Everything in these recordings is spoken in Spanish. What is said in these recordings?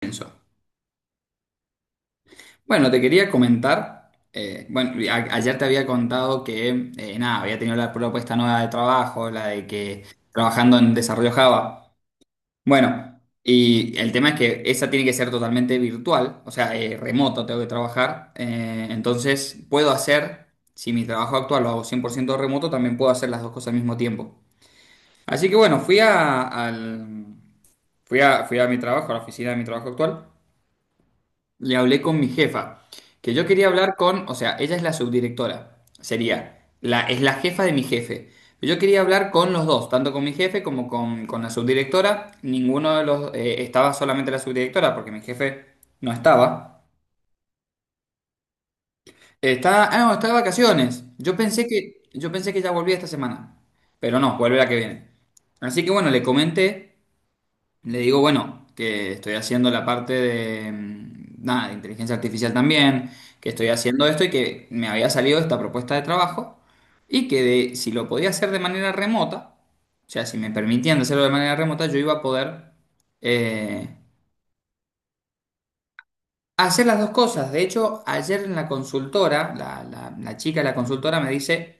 Eso. Bueno, te quería comentar, bueno, ayer te había contado que, nada, había tenido la propuesta nueva de trabajo, la de que trabajando en desarrollo Java. Bueno, y el tema es que esa tiene que ser totalmente virtual, o sea, remoto tengo que trabajar, entonces puedo hacer, si mi trabajo actual lo hago 100% remoto, también puedo hacer las dos cosas al mismo tiempo. Así que bueno, fui a mi trabajo, a la oficina de mi trabajo actual. Le hablé con mi jefa, que yo quería hablar con, o sea, ella es la subdirectora, sería, es la jefa de mi jefe. Yo quería hablar con los dos, tanto con mi jefe como con la subdirectora. Ninguno de los, estaba solamente la subdirectora, porque mi jefe no estaba. Ah, no, está de vacaciones. Yo pensé que ya volvía esta semana, pero no, vuelve la que viene. Así que bueno, le comenté. Le digo, bueno, que estoy haciendo la parte de, nada, de inteligencia artificial también, que estoy haciendo esto y que me había salido esta propuesta de trabajo y que si lo podía hacer de manera remota, o sea, si me permitían hacerlo de manera remota, yo iba a poder eh, hacer las dos cosas. De hecho, ayer en la consultora, la chica de la consultora me dice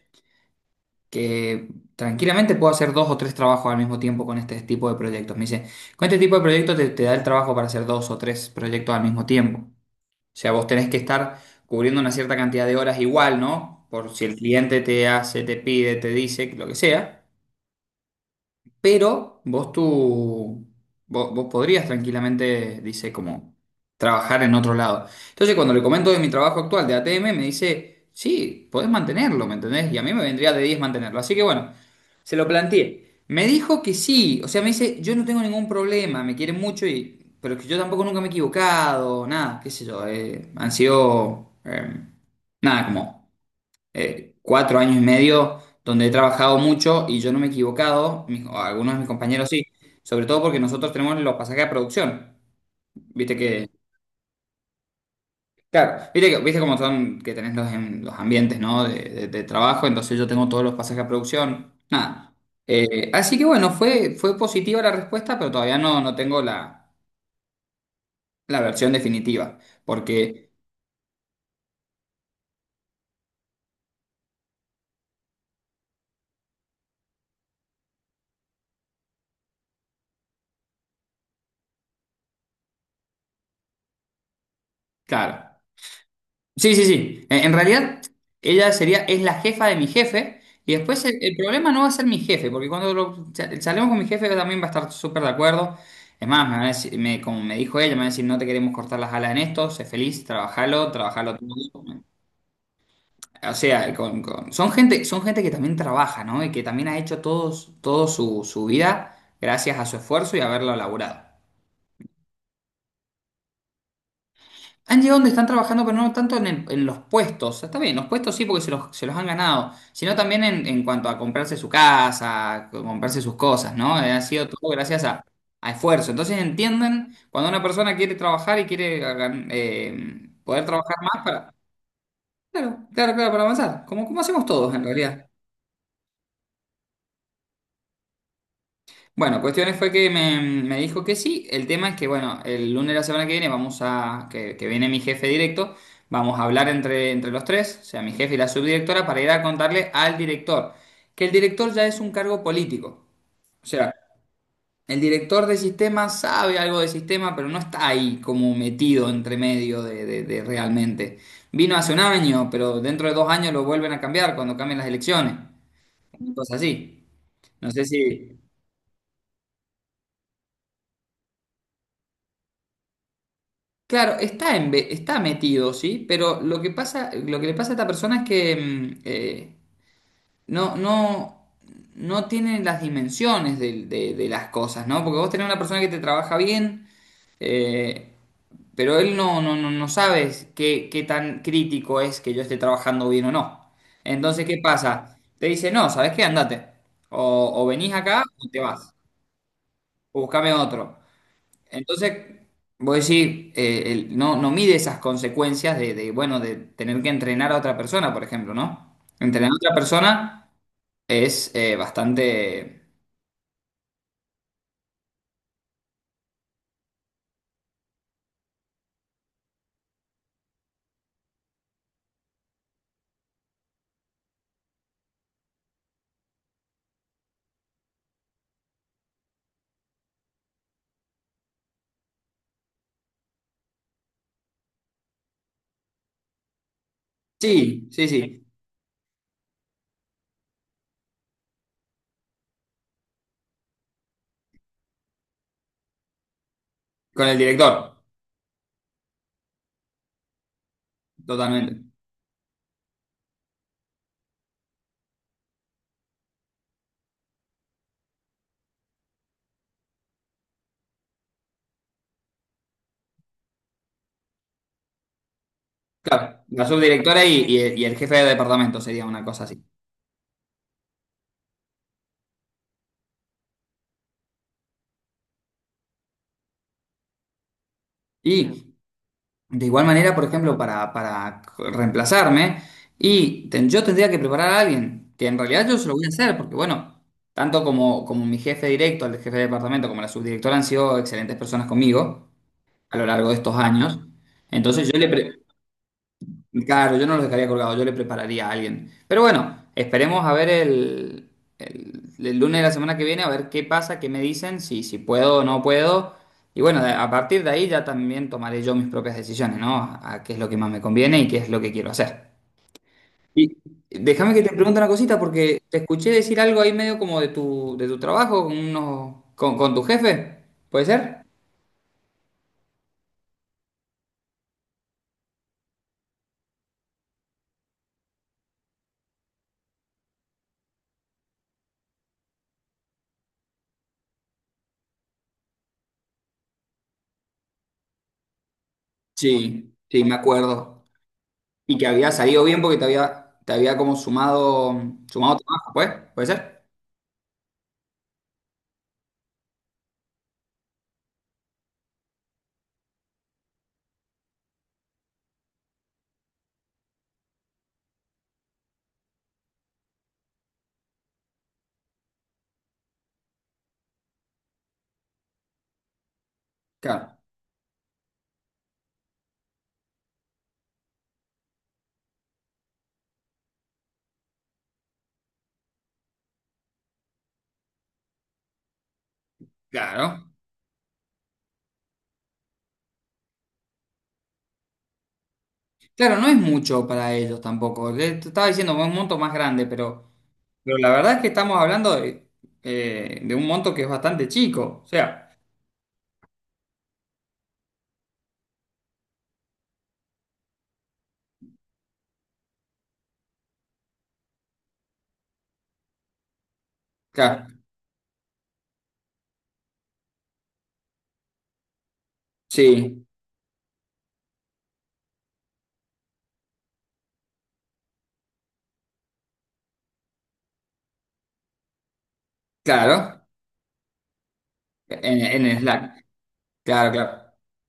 que tranquilamente puedo hacer dos o tres trabajos al mismo tiempo con este tipo de proyectos. Me dice, con este tipo de proyectos te da el trabajo para hacer dos o tres proyectos al mismo tiempo. O sea, vos tenés que estar cubriendo una cierta cantidad de horas igual, ¿no? Por si el cliente te hace, te pide, te dice, lo que sea. Pero vos podrías tranquilamente, dice, como trabajar en otro lado. Entonces, cuando le comento de mi trabajo actual de ATM, me dice, sí, podés mantenerlo, ¿me entendés? Y a mí me vendría de 10 mantenerlo. Así que bueno, se lo planteé. Me dijo que sí, o sea, me dice, yo no tengo ningún problema, me quieren mucho, pero que yo tampoco nunca me he equivocado, nada, qué sé yo, han sido, nada, como 4 años y medio donde he trabajado mucho y yo no me he equivocado, o algunos de mis compañeros sí, sobre todo porque nosotros tenemos los pasajes a producción. Viste que, claro, viste cómo son que tenés los, los ambientes, ¿no? De trabajo, entonces yo tengo todos los pasajes a producción. Nada. Así que bueno, fue positiva la respuesta, pero todavía no tengo la, versión definitiva, porque, claro. Sí, sí, sí. En realidad, ella sería, es la jefa de mi jefe. Y después el problema no va a ser mi jefe, porque cuando salgamos con mi jefe también va a estar súper de acuerdo. Es más, me va a decir- me- como me dijo ella, me va a decir, no te queremos cortar las alas en esto, sé feliz, trabajalo, trabajalo todo. O sea, son gente que también trabaja, ¿no? Y que también ha hecho todo, todo su vida gracias a su esfuerzo y haberlo laburado. Han llegado donde están trabajando, pero no tanto en los puestos. Está bien, los puestos sí porque se los han ganado, sino también en cuanto a comprarse su casa, a comprarse sus cosas, ¿no? Ha sido todo gracias a esfuerzo. Entonces entienden cuando una persona quiere trabajar y quiere poder trabajar más para. Claro, claro, claro, para avanzar. Como hacemos todos en realidad. Bueno, cuestiones fue que me dijo que sí. El tema es que, bueno, el lunes de la semana que viene que viene mi jefe directo, vamos a hablar entre los tres, o sea, mi jefe y la subdirectora, para ir a contarle al director, que el director ya es un cargo político. O sea, el director de sistema sabe algo de sistema, pero no está ahí como metido entre medio de realmente. Vino hace un año, pero dentro de 2 años lo vuelven a cambiar cuando cambien las elecciones. Cosas así. No sé si. Claro, está metido, sí, pero lo que pasa, lo que le pasa a esta persona es que no, no, no tiene las dimensiones de las cosas, ¿no? Porque vos tenés una persona que te trabaja bien, eh, pero él no sabes qué, tan crítico es que yo esté trabajando bien o no. Entonces, ¿qué pasa? Te dice, no, ¿sabes qué? Andate. O venís acá o te vas. O buscame otro. Entonces, vos decís, no mide esas consecuencias de, bueno, de tener que entrenar a otra persona, por ejemplo, ¿no? Entrenar a otra persona es bastante. Sí, sí, sí, con el director, totalmente. Claro, la subdirectora y el jefe de departamento sería una cosa así. Mm. Y de igual manera, por ejemplo, para reemplazarme, y yo tendría que preparar a alguien, que en realidad yo se lo voy a hacer, porque bueno, tanto como mi jefe directo, el jefe de departamento, como la subdirectora han sido excelentes personas conmigo a lo largo de estos años. Entonces yo le. Claro, yo no los dejaría colgados, yo le prepararía a alguien. Pero bueno, esperemos a ver el lunes de la semana que viene, a ver qué pasa, qué me dicen, si puedo o no puedo. Y bueno, a partir de ahí ya también tomaré yo mis propias decisiones, ¿no? A qué es lo que más me conviene y qué es lo que quiero hacer. Y déjame que te pregunte una cosita, porque te escuché decir algo ahí medio como de tu trabajo, con tu jefe, ¿puede ser? Sí, sí, me acuerdo. Y que había salido bien porque te había como sumado trabajo, pues, ¿puede ser? Claro, claro. Claro, no es mucho para ellos tampoco. Te estaba diciendo un monto más grande, pero la verdad es que estamos hablando de un monto que es bastante chico. O sea, claro, sí, claro, en el Slack. Claro, claro.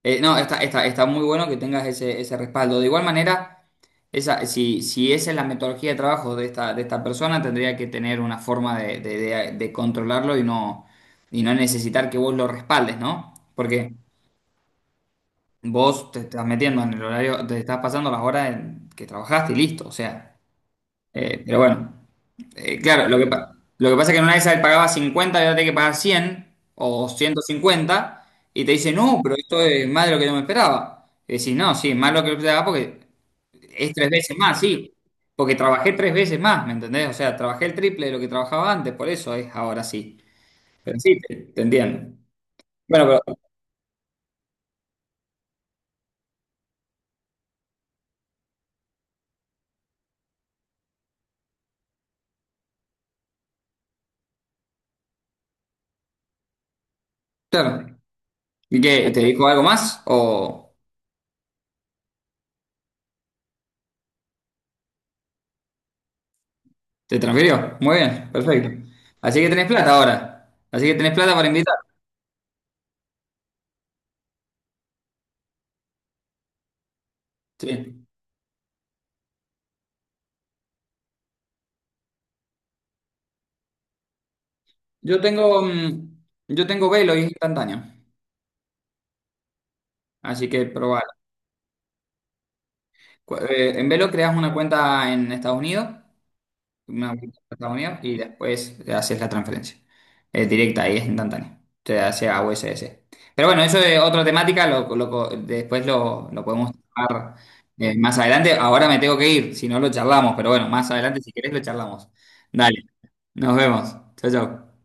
No, está muy bueno que tengas ese respaldo. De igual manera, esa, si, si esa es la metodología de trabajo de esta persona, tendría que tener una forma de controlarlo y no necesitar que vos lo respaldes, ¿no? Porque vos te estás metiendo en el horario, te estás pasando las horas en que trabajaste y listo. O sea, pero bueno. Claro, lo que pasa es que en una de esas él pagaba 50 y ahora tiene que pagar 100 o 150 y te dice, no, pero esto es más de lo que yo me esperaba. Y decís, no, sí, más lo que yo esperaba porque es tres veces más, sí. Porque trabajé tres veces más, ¿me entendés? O sea, trabajé el triple de lo que trabajaba antes, por eso es ahora sí. Pero sí, te entiendo. Bueno, pero claro. ¿Y qué? ¿Te dijo algo más o te transfirió? Muy bien, perfecto. Así que tenés plata ahora. Así que tenés plata para invitar. Sí. Yo tengo, mm, yo tengo Velo y es instantáneo, así que probar. En Velo creas una cuenta en Estados Unidos, una cuenta en Estados Unidos y después te haces la transferencia. Es directa y es instantánea. Te hace a USDC. Pero bueno, eso es otra temática, después lo podemos tratar más adelante. Ahora me tengo que ir, si no lo charlamos, pero bueno, más adelante si querés lo charlamos. Dale, nos vemos. Chao, chao.